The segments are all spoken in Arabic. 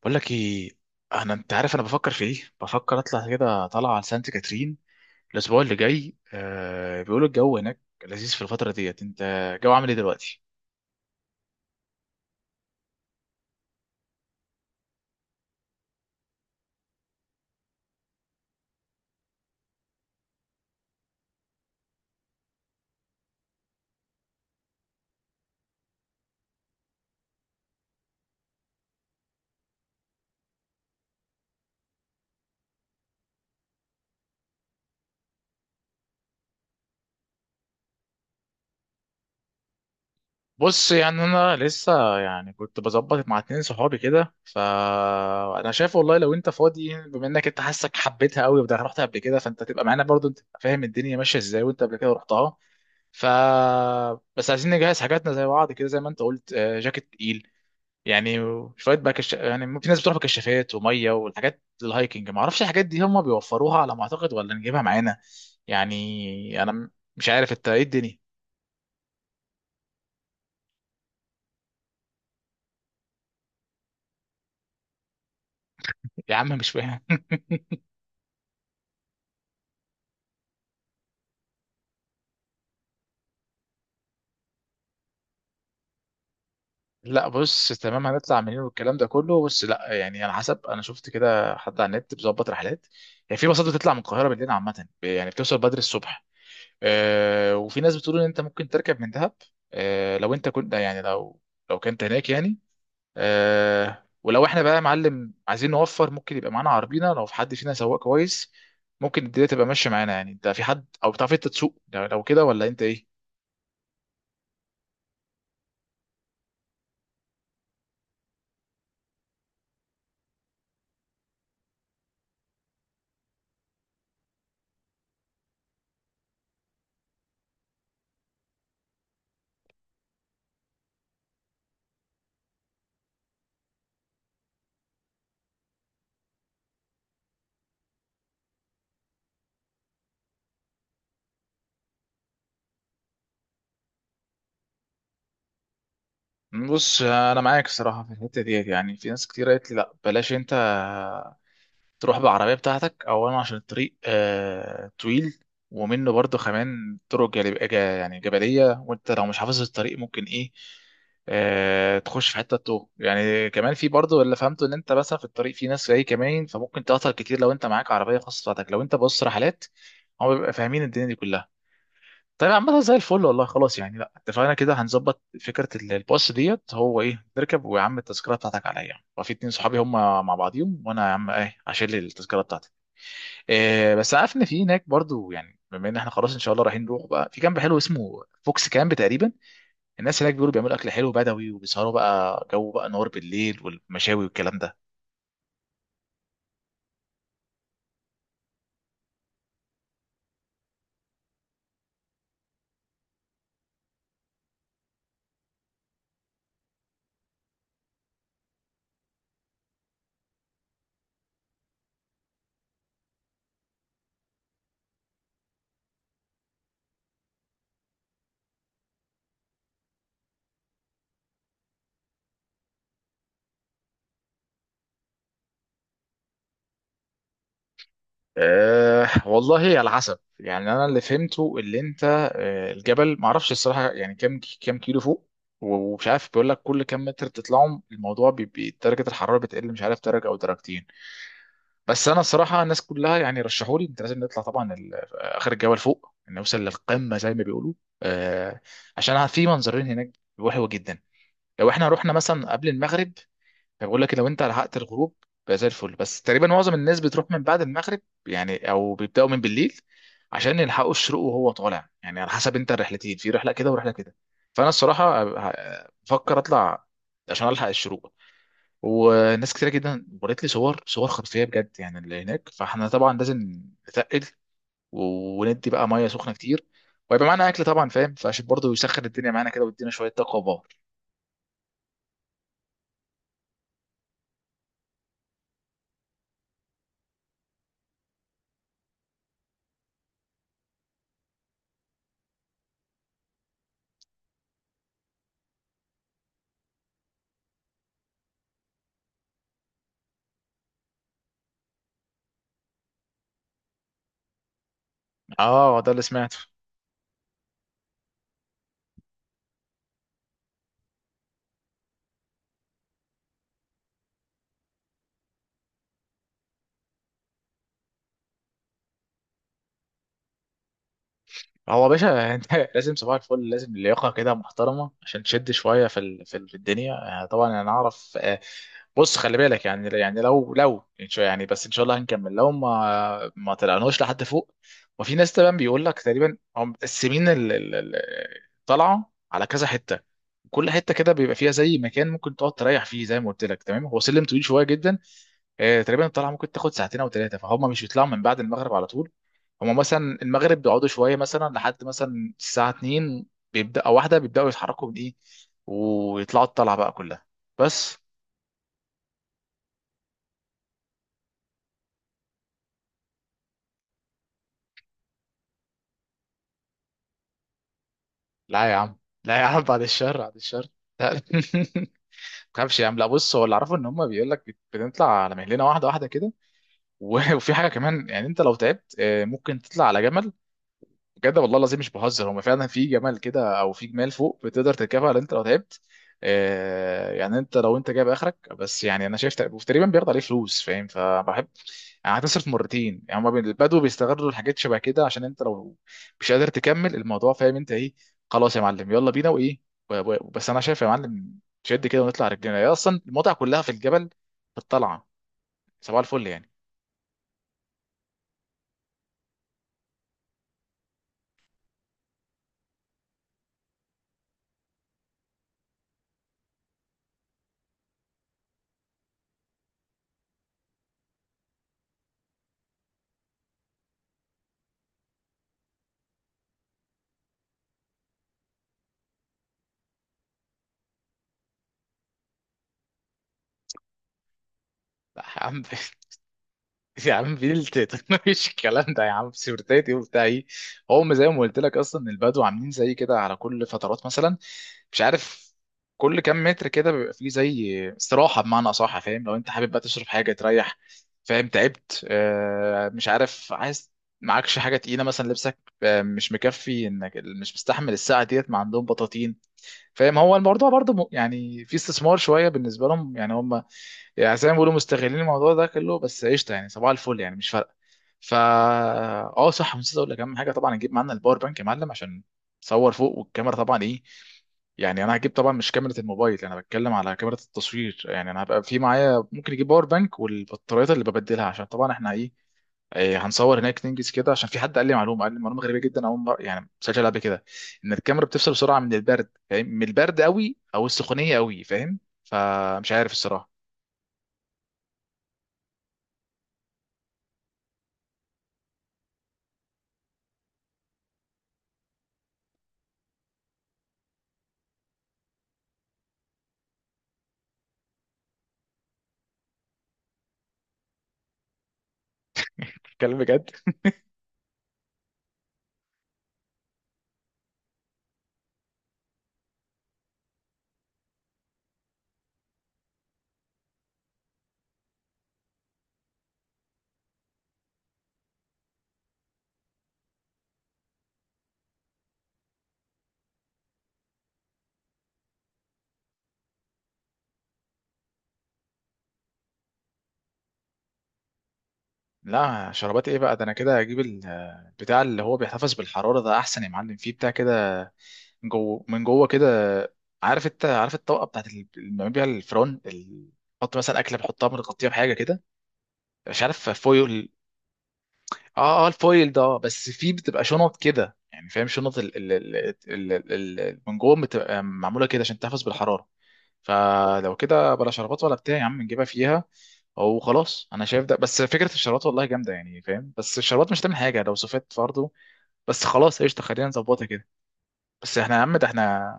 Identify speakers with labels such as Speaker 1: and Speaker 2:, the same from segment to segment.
Speaker 1: بقول لك ايه، انت عارف، انا بفكر في ايه بفكر اطلع كده طالعه على سانت كاترين الاسبوع اللي جاي. آه، بيقولوا الجو هناك لذيذ في الفتره ديت. انت الجو عامل ايه دلوقتي؟ بص، يعني انا لسه يعني كنت بظبط مع اتنين صحابي كده، فانا شايف والله لو انت فاضي، بما انك انت حاسك حبيتها قوي، وده رحت قبل كده، فانت تبقى معانا برضو، انت تبقى فاهم الدنيا ماشيه ازاي وانت قبل كده رحتها. ف بس عايزين نجهز حاجاتنا زي بعض كده، زي ما انت قلت، آه، جاكيت تقيل يعني. شويه بقى يعني، ممكن ناس بتروح بكشافات وميه والحاجات الهايكنج، ما اعرفش الحاجات دي هم بيوفروها على ما اعتقد ولا نجيبها معانا. يعني انا مش عارف انت ايه الدنيا. يا عم مش فاهم لا بص تمام، هنطلع منين والكلام ده كله، بس لا، يعني على حسب، انا شفت كده حد على النت بيظبط رحلات. يعني في باصات بتطلع من القاهره بالليل عامه، يعني بتوصل بدري الصبح. آه، وفي ناس بتقول ان انت ممكن تركب من دهب. آه، لو انت كنت يعني، لو كنت هناك يعني. آه، ولو احنا بقى يا معلم عايزين نوفر، ممكن يبقى معانا عربينا لو في حد فينا سواق كويس. ممكن الدنيا تبقى ماشيه معانا. يعني انت في حد، او بتعرف انت تسوق؟ لو كده، ولا انت ايه؟ بص، انا معاك الصراحه في الحته ديت. يعني في ناس كتير قالت لي لا بلاش انت تروح بالعربية بتاعتك، أولا عشان الطريق، آه، طويل، ومنه برضو كمان طرق يعني جبلية، وأنت لو مش حافظ الطريق ممكن إيه، آه، تخش في حتة توه. يعني كمان في برضو اللي فهمته إن أنت مثلا في الطريق في ناس جاي كمان، فممكن تعطل كتير لو أنت معاك عربية خاصة بتاعتك. لو أنت بص رحلات، هم بيبقى فاهمين الدنيا دي كلها. طيب، عامة زي الفل والله. خلاص يعني، لا اتفقنا كده، هنظبط فكرة الباص ديت، هو ايه، نركب، ويا عم التذكرة بتاعتك عليا، وفي اتنين صحابي هم مع بعضيهم، وانا يا عم ايه هشيل التذكرة بتاعتي. إيه، بس عارف ان في هناك برضو، يعني بما ان احنا خلاص ان شاء الله رايحين، نروح بقى في كامب حلو اسمه فوكس كامب تقريبا. الناس هناك بيقولوا بيعملوا اكل حلو بدوي وبيسهروا بقى، جو بقى نار بالليل، والمشاوي والكلام ده. أه والله، على حسب. يعني انا اللي فهمته اللي انت، أه، الجبل معرفش الصراحه يعني كام، كام كيلو فوق. ومش عارف، بيقول لك كل كام متر تطلعهم الموضوع بيبقى درجه الحراره بتقل، مش عارف درجه او درجتين. بس انا الصراحه الناس كلها يعني رشحوا لي انت لازم نطلع طبعا اخر الجبل فوق نوصل للقمه زي ما بيقولوا. أه، عشان في منظرين هناك حلوه جدا. لو احنا رحنا مثلا قبل المغرب، بقول لك لو انت لحقت الغروب، بقى زي الفل. بس تقريبا معظم الناس بتروح من بعد المغرب، يعني او بيبداوا من بالليل عشان يلحقوا الشروق وهو طالع. يعني على حسب انت، الرحلتين، في رحله كده ورحله كده. فانا الصراحه بفكر اطلع عشان الحق الشروق. وناس كتير جدا وريت لي صور، صور خرافيه بجد يعني اللي هناك. فاحنا طبعا لازم نتقل، وندي بقى ميه سخنه كتير، ويبقى معانا اكل طبعا فاهم، فعشان برضه يسخن الدنيا معانا كده ويدينا شويه طاقه وباور. اه، ده اللي سمعته. هو يا باشا انت لازم صباح الفل، لازم لياقه كده محترمه عشان تشد شويه في الدنيا. آه، طبعا انا اعرف، آه، بص خلي بالك. يعني يعني لو يعني، بس ان شاء الله هنكمل لو ما طلعناش لحد فوق. وفي ناس طبعا بيقول لك، تقريبا هم مقسمين الطلعه على كذا حته. كل حته كده بيبقى فيها زي مكان ممكن تقعد تريح فيه، زي ما قلت لك تمام، هو سلم طويل شويه جدا. آه، تقريبا الطلعه ممكن تاخد ساعتين او ثلاثه. فهم مش بيطلعوا من بعد المغرب على طول. هم مثلا المغرب بيقعدوا شويه، مثلا لحد مثلا الساعه 2 بيبدا او واحده، بيبداوا يتحركوا من ايه ويطلعوا الطلعه بقى كلها، بس. لا يا عم، لا يا عم، بعد الشر، بعد الشر. لا ما تخافش يا عم. لا بص، هو اللي اعرفه ان هم بيقول لك بنطلع على مهلنا واحده واحده كده. وفي حاجه كمان، يعني انت لو تعبت، آه، ممكن تطلع على جبل. بجد والله العظيم مش بهزر، هما فعلا في جمال كده، او في جمال فوق بتقدر تركبها لو انت لو تعبت. آه، يعني انت لو انت جايب اخرك، بس يعني انا شايف تقريبا بياخد عليه فلوس فاهم. فبحب يعني، هتصرف مرتين يعني. هما البدو بيستغلوا الحاجات شبه كده عشان انت لو مش قادر تكمل الموضوع، فاهم انت ايه؟ خلاص يا معلم يلا بينا وايه. بس انا شايف يا معلم، شد كده ونطلع رجلينا. هي اصلا المتعه كلها في الجبل، في الطلعه. صباح الفل يعني. لا يا عم يا عم بنت مفيش الكلام ده يا عم، سيرتاتي وبتاع ايه. هم زي ما قلت لك اصلا البدو عاملين زي كده على كل فترات. مثلا مش عارف، كل كام متر كده بيبقى فيه زي استراحه بمعنى اصح، فاهم؟ لو انت حابب بقى تشرب حاجه، تريح، فاهم، تعبت، آه، مش عارف عايز، معكش حاجه تقيله، مثلا لبسك آه مش مكفي، انك مش مستحمل الساعه ديت. ما عندهم بطاطين فاهم. هو الموضوع برضه يعني في استثمار شويه بالنسبه لهم، يعني هم يعني زي ما بيقولوا مستغلين الموضوع ده كله، بس قشطه يعني، صباح الفل يعني، مش فارقه. فا اه، صح، نسيت اقول لك اهم حاجه، طبعا نجيب معانا الباور بانك يا معلم، عشان تصور فوق والكاميرا طبعا ايه. يعني انا هجيب طبعا مش كاميرا الموبايل، انا بتكلم على كاميرا التصوير. يعني انا هبقى في معايا، ممكن اجيب باور بانك والبطاريات اللي ببدلها عشان طبعا احنا ايه، إيه، هنصور هناك ننجز كده. عشان في حد قال لي معلومه، قال لي معلومه غريبه جدا، اول مره يعني مسجل قبل كده، ان الكاميرا بتفصل بسرعه من البرد، فاهم، من البرد قوي او السخونيه قوي فاهم. فمش عارف الصراحه. الكلام بجد. لا شربات ايه بقى، ده انا كده هجيب بتاع، اللي هو بيحتفظ بالحراره، ده احسن يا معلم. فيه بتاع كده من جوه، من جوه كده. عارف، انت عارف الطبقه بتاعت اللي بنعمل بيها الفرن بحط مثلا اكله بحطها بنغطيها بحاجه كده، مش عارف، فويل. اه اه الفويل ده، آه، بس فيه بتبقى شنط كده يعني فاهم، شنط من جوه بتبقى معموله كده عشان تحتفظ بالحراره. فلو كده بلا شربات ولا بتاع يا عم، نجيبها فيها وخلاص. انا شايف ده، بس فكره الشربات والله جامده يعني فاهم، بس الشربات مش هتعمل حاجه لو صفت برضه. بس خلاص، قشطه، خلينا نظبطها كده. بس احنا يا عم، ده احنا،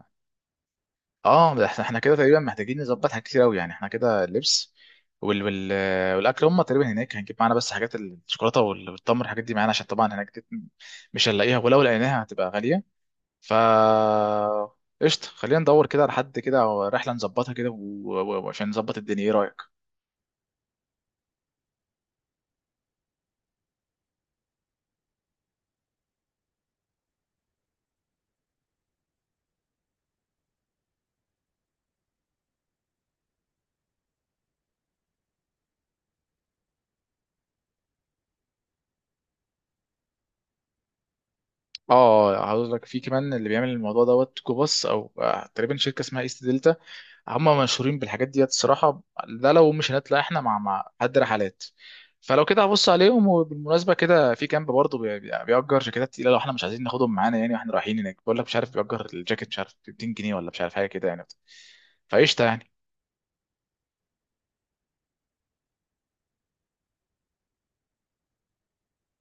Speaker 1: اه ده احنا، احنا كده تقريبا محتاجين نظبط حاجات كتير قوي. يعني احنا كده، اللبس، وال... وال... والاكل هم تقريبا هناك هنجيب معانا، بس حاجات الشوكولاته والتمر، الحاجات دي معانا، عشان طبعا هناك دي مش هنلاقيها، ولو لقيناها هتبقى غاليه. فا قشطة، خلينا ندور كده على حد كده، أو رحلة نظبطها كده، وعشان نظبط الدنيا، إيه رأيك؟ اه، هقول لك في كمان اللي بيعمل الموضوع دوت جو باص، او آه، تقريبا شركه اسمها ايست دلتا، هم مشهورين بالحاجات ديت الصراحه. ده لو مش هنطلع احنا مع حد رحلات. فلو كده هبص عليهم. وبالمناسبه كده، في كامب برضه بيأجر جاكيتات تقيله، لو احنا مش عايزين ناخدهم معانا يعني واحنا رايحين هناك. بقول لك مش عارف، بيأجر الجاكيت مش عارف ب 200 جنيه ولا مش عارف حاجه كده يعني، فقشطه يعني.